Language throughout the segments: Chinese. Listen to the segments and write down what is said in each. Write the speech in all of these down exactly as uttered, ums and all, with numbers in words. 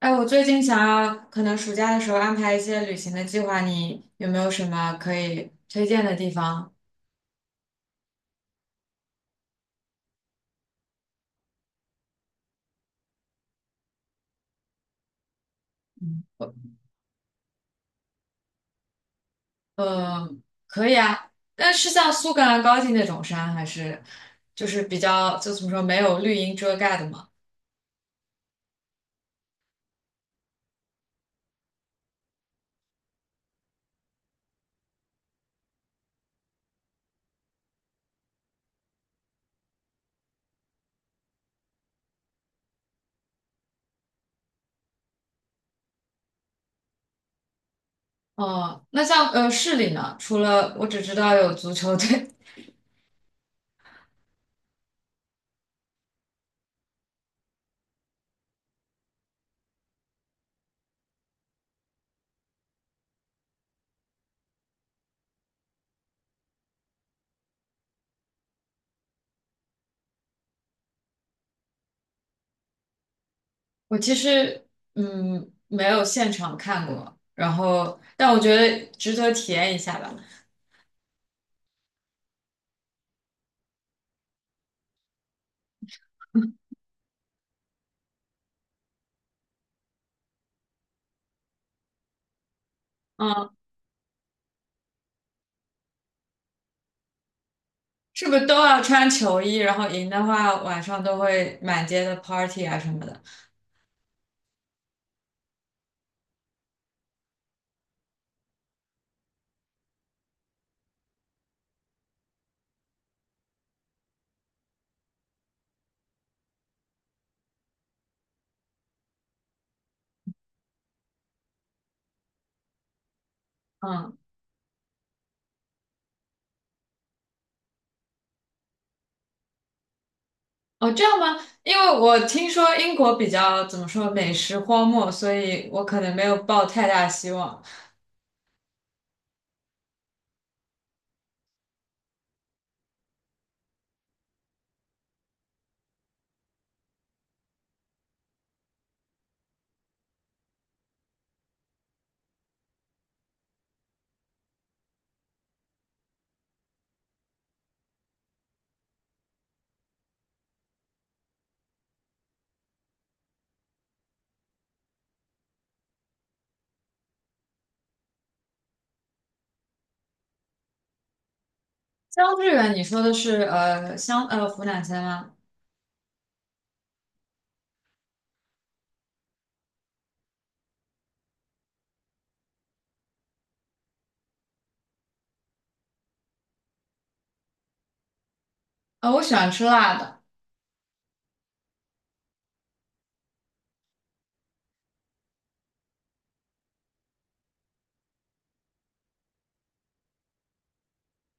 哎，我最近想要可能暑假的时候安排一些旅行的计划，你有没有什么可以推荐的地方？嗯，可以啊，但是像苏格兰高地那种山，还是就是比较就怎么说没有绿荫遮盖的嘛。哦、那像呃市里呢，除了我只知道有足球队，我其实嗯没有现场看过，然后但我觉得值得体验一下吧。嗯。是不是都要穿球衣？然后赢的话，晚上都会满街的 party 啊什么的。嗯，哦，这样吗？因为我听说英国比较怎么说美食荒漠，所以我可能没有抱太大希望。江志远，你说的是呃湘呃湖南菜吗？呃，我喜欢吃辣的。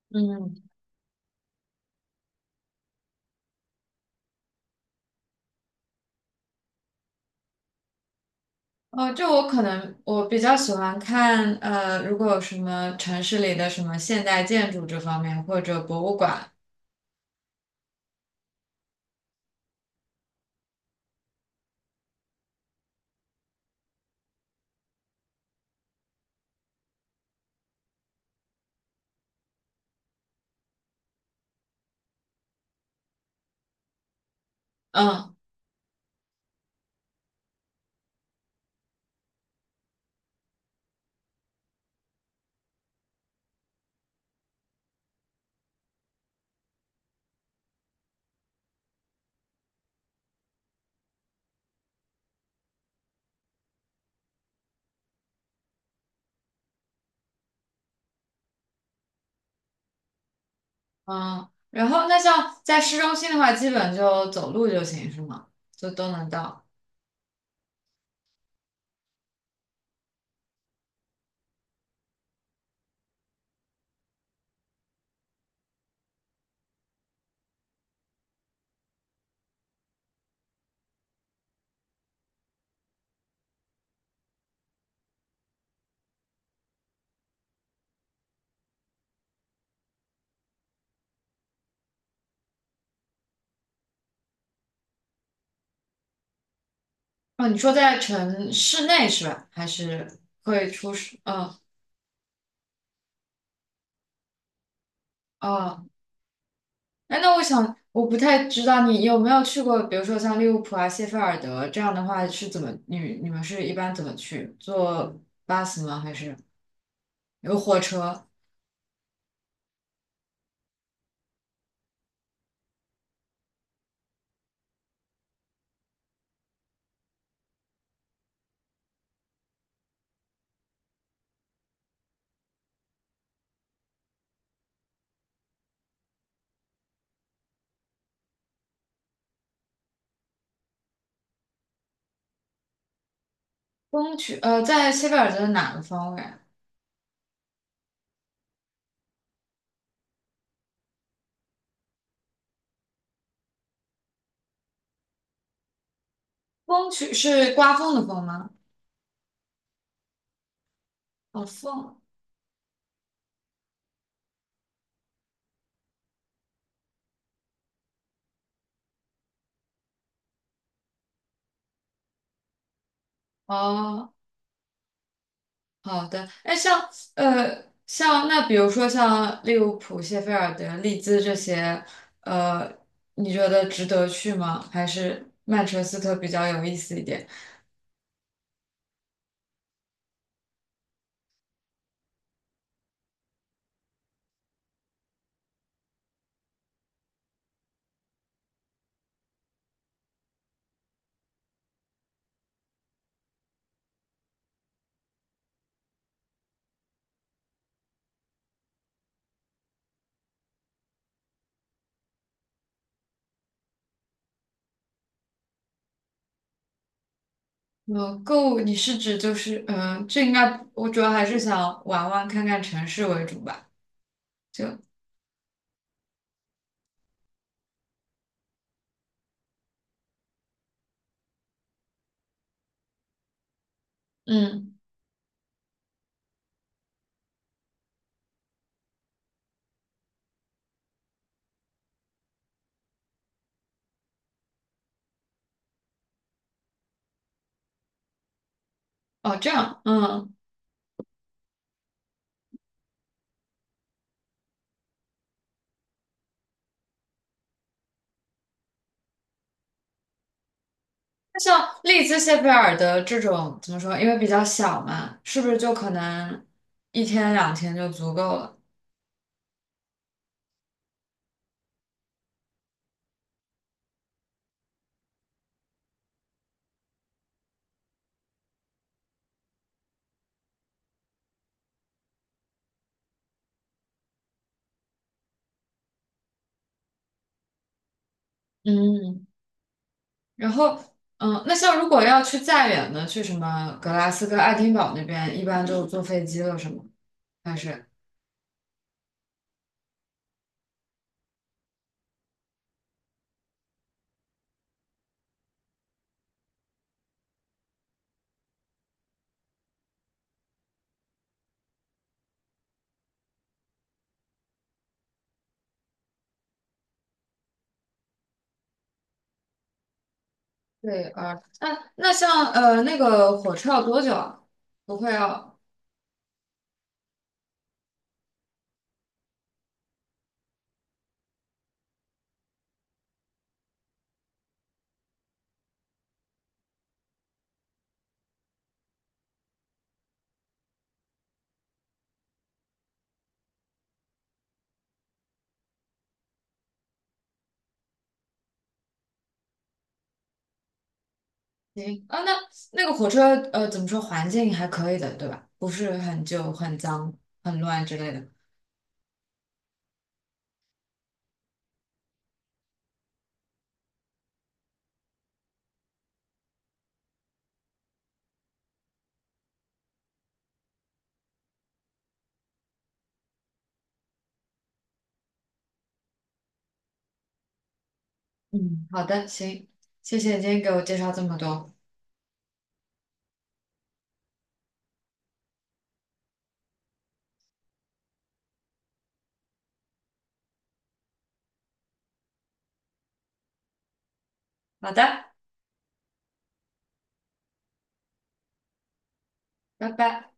嗯，哦，就我可能我比较喜欢看呃，如果有什么城市里的什么现代建筑这方面或者博物馆。嗯。嗯，然后那像在市中心的话，基本就走路就行，是吗？就都能到。哦，你说在城市内是吧？还是会出市？嗯哦，哎，那我想我不太知道你有没有去过，比如说像利物浦啊、谢菲尔德这样的话，是怎么你你们是一般怎么去？坐巴士吗？还是有火车？风区呃，在谢菲尔德的哪个方位？风区是刮风的风吗？哦，风哦。好的，哎，像呃，像那比如说像利物浦、谢菲尔德、利兹这些，呃，你觉得值得去吗？还是曼彻斯特比较有意思一点？呃，购物你是指就是嗯、呃这应该我主要还是想玩玩看看城市为主吧。就嗯，哦，这样，嗯，那像利兹、谢菲尔德这种怎么说？因为比较小嘛，是不是就可能一天两天就足够了？嗯然后，嗯，那像如果要去再远的，去什么格拉斯哥、爱丁堡那边，一般就坐飞机了，是吗？还是对，啊，那那像呃那个火车要多久啊？不会要行啊？那那个火车呃怎么说？环境还可以的，对吧？不是很旧、很脏、很乱之类的。嗯，好的，行，谢谢你今天给我介绍这么多。好的，拜拜。